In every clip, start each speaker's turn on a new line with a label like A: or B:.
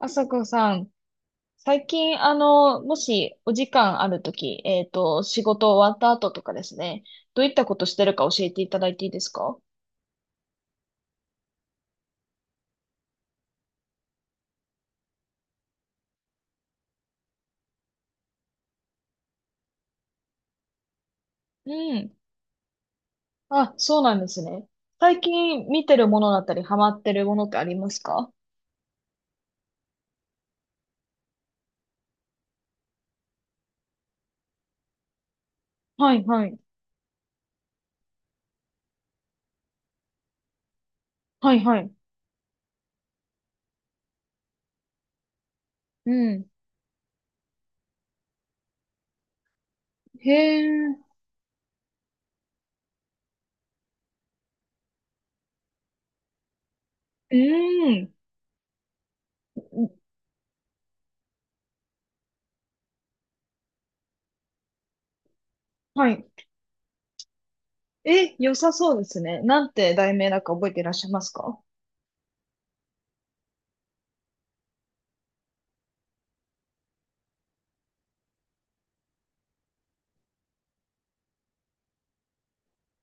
A: あさこさん、最近、もしお時間あるとき、仕事終わった後とかですね、どういったことしてるか教えていただいていいですか？うん。あ、そうなんですね。最近見てるものだったり、ハマってるものってありますか？はいはい。はいはい。うん。へえ、うん。はい。え、良さそうですね。なんて題名だか覚えていらっしゃいますか？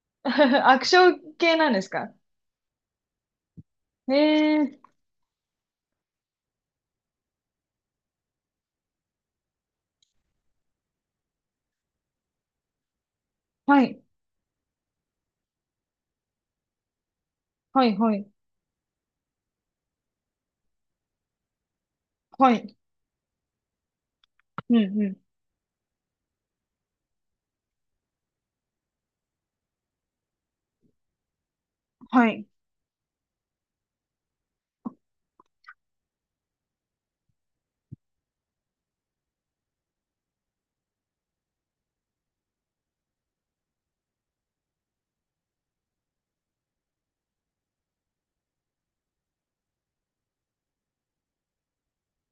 A: アクション 系なんですか？へえ、はい、はい、はい、はい。うん、うん、はい。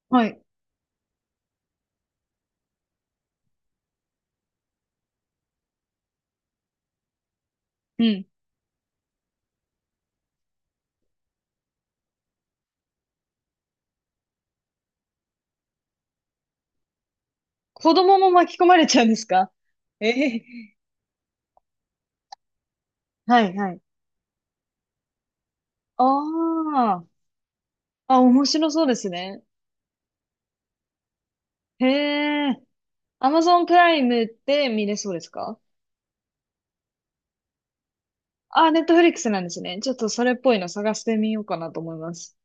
A: はい。うん。子供も巻き込まれちゃうんですか？ええはい、はい。ああ。あ、面白そうですね。へえ。Amazon プライムって見れそうですか？あ、ネットフリックスなんですね。ちょっとそれっぽいの探してみようかなと思います。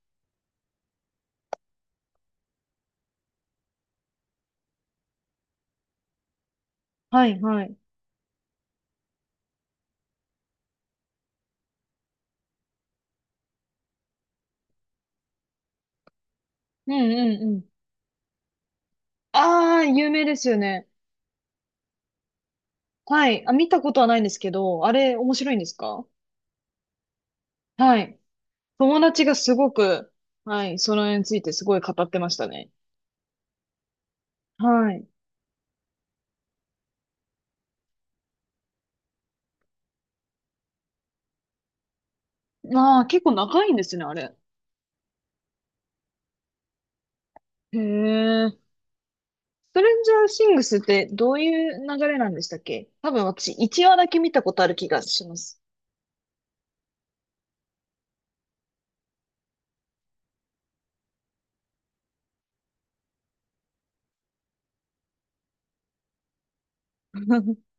A: はい、はい。うん、うん、うん。ああ、有名ですよね。はい。あ、見たことはないんですけど、あれ面白いんですか？はい。友達がすごく、はい、その絵についてすごい語ってましたね。はい。ああ、結構長いんですね、あれ。へえ。ストレンジャーシングスってどういう流れなんでしたっけ？多分私、1話だけ見たことある気がします。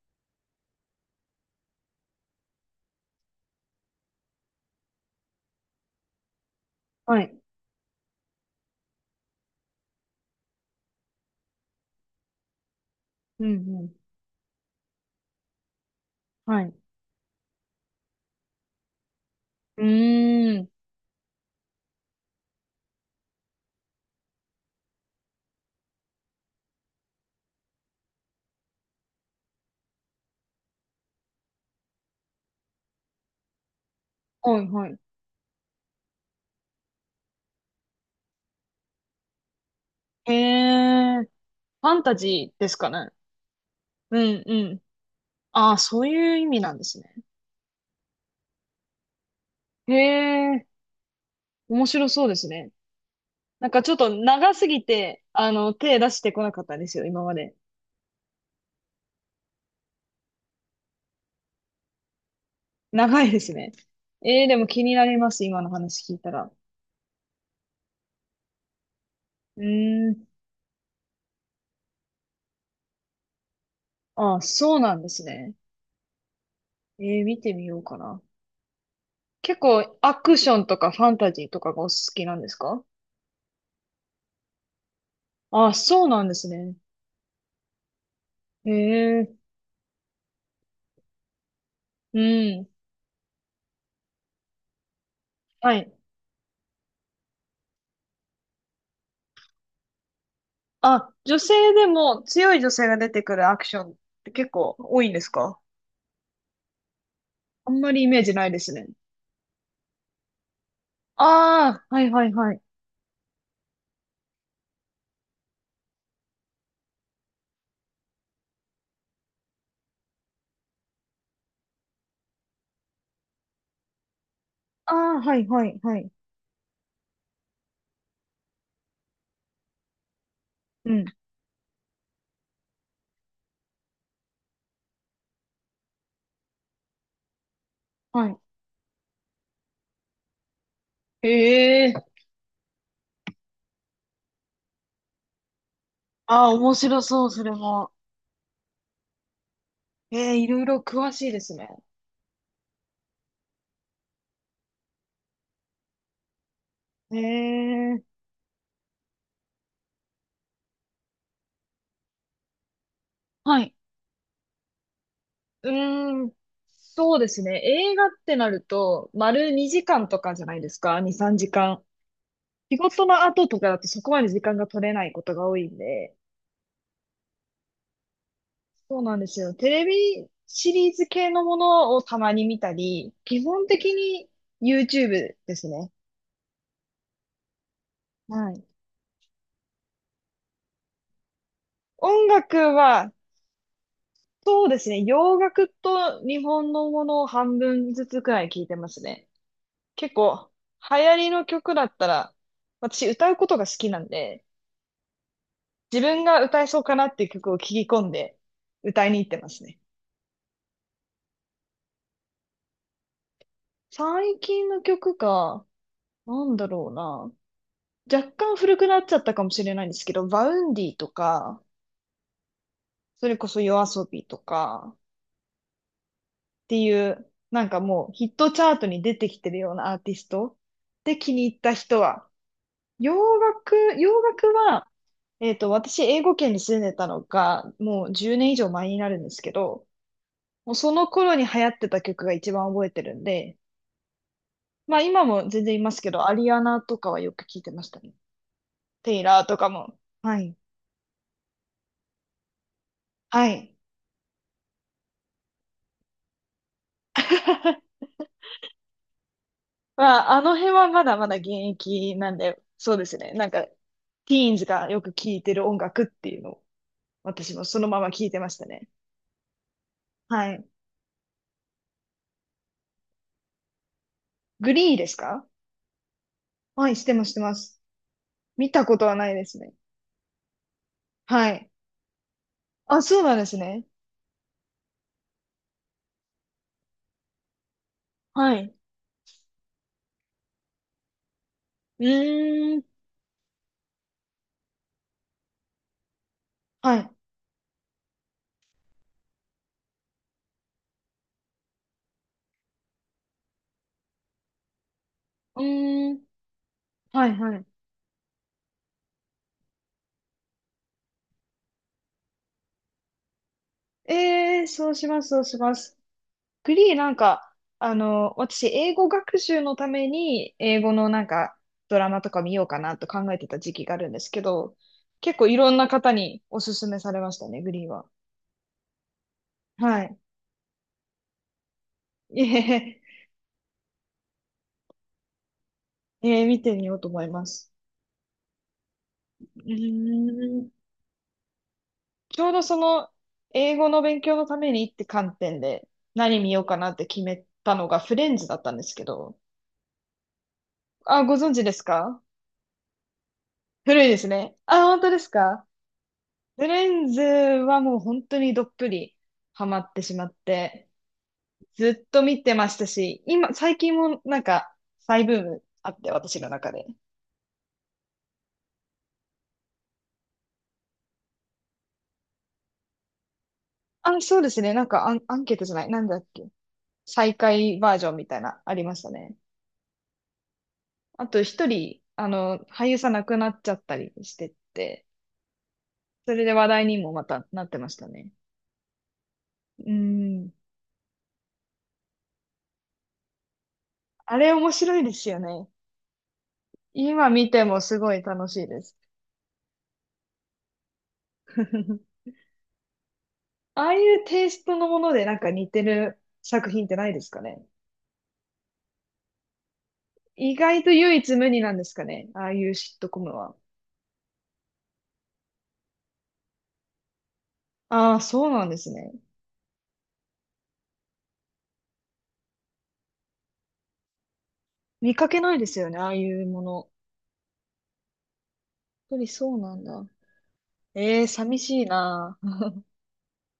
A: はい。うん、うん。はい。うーん。はい、はい。へえ。ファンタジーですかね。うん、うん。ああ、そういう意味なんですね。へえ。面白そうですね。なんかちょっと長すぎて、手出してこなかったんですよ、今まで。長いですね。ええ、でも気になります、今の話聞いたら。うーん。あ、そうなんですね。見てみようかな。結構アクションとかファンタジーとかがお好きなんですか？あ、そうなんですね。へえ、うん。はい。あ、女性でも強い女性が出てくるアクションって結構多いんですか？あんまりイメージないですね。ああ、はいはいはい。ああ、はいはいはい。うん。はい。へえ。ああ、面白そう、それも。ええ、いろいろ詳しいですね。へえ。はいうーん、そうですね。映画ってなると、丸2時間とかじゃないですか。2、3時間。仕事の後とかだとそこまで時間が取れないことが多いんで。そうなんですよ。テレビシリーズ系のものをたまに見たり、基本的に YouTube ですね。はい。音楽は、そうですね。洋楽と日本のものを半分ずつくらい聞いてますね。結構、流行りの曲だったら、私歌うことが好きなんで、自分が歌えそうかなっていう曲を聞き込んで歌いに行ってますね。最近の曲か、なんだろうな。若干古くなっちゃったかもしれないんですけど、バウンディとか、それこそヨアソビとかっていう、なんかもうヒットチャートに出てきてるようなアーティストで気に入った人は、洋楽は、私、英語圏に住んでたのが、もう10年以上前になるんですけど、もうその頃に流行ってた曲が一番覚えてるんで、まあ今も全然いますけど、アリアナとかはよく聞いてましたね。テイラーとかも。はい。はい。まあ、あの辺はまだまだ現役なんで、そうですね。なんか、ティーンズがよく聴いてる音楽っていうのを、私もそのまま聴いてましたね。はい。グリーですか？はい、してます、してます。見たことはないですね。はい。あ、そうなんですね。はい。うーん。はい。うーん。はい、はい。ええー、そうします、そうします。グリーなんか、私、英語学習のために、英語のなんか、ドラマとか見ようかなと考えてた時期があるんですけど、結構いろんな方におすすめされましたね、グリーは。はい。ええ、見てみようと思います。うーん。ちょうどその、英語の勉強のためにって観点で、何見ようかなって決めたのがフレンズだったんですけど、あ、ご存知ですか？古いですね。あ、本当ですか？フィレンズはもう本当にどっぷりハマってしまって、ずっと見てましたし、今、最近もなんか再ブームあって、私の中で。あ、そうですね。なんかアンケートじゃない。なんだっけ。再開バージョンみたいな、ありましたね。あと一人、俳優さん亡くなっちゃったりしてて、それで話題にもまたなってましたね。うん。あれ面白いですよね。今見てもすごい楽しいです。ああいうテイストのものでなんか似てる作品ってないですかね。意外と唯一無二なんですかね。ああいうシットコムは。ああ、そうなんですね。見かけないですよね、ああいうもの。やっぱりそうなんだ。ええ、寂しいな。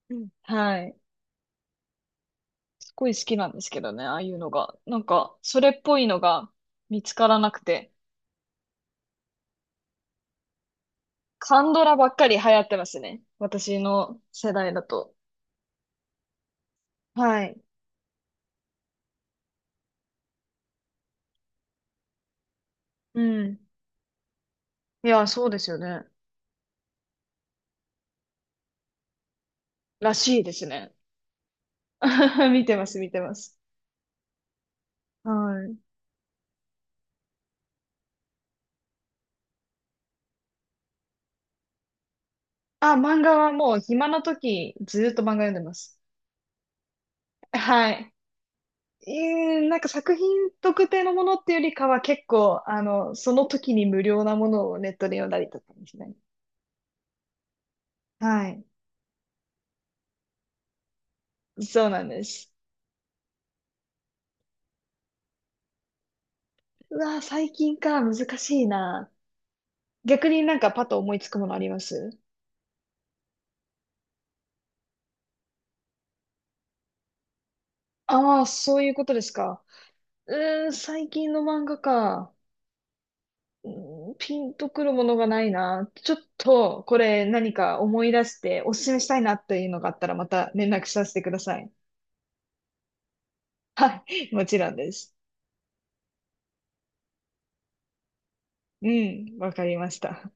A: うんはい。すごい好きなんですけどね、ああいうのが。なんか、それっぽいのが見つからなくて。カンドラばっかり流行ってますね。私の世代だと。はい。うん。いや、そうですよね。らしいですね。見てます、見てます。はい。あ、漫画はもう暇な時ずーっと漫画読んでます。はい。なんか作品特定のものっていうよりかは結構、その時に無料なものをネットで読んだりとかですね。はい。そうなんです。うわー、最近か、難しいな。逆になんかパッと思いつくものあります？ああー、そういうことですか。うーん、最近の漫画か。うんピンとくるものがないな。ちょっと、これ何か思い出しておすすめしたいなっていうのがあったらまた連絡させてください。もちろんです。うん、わかりました。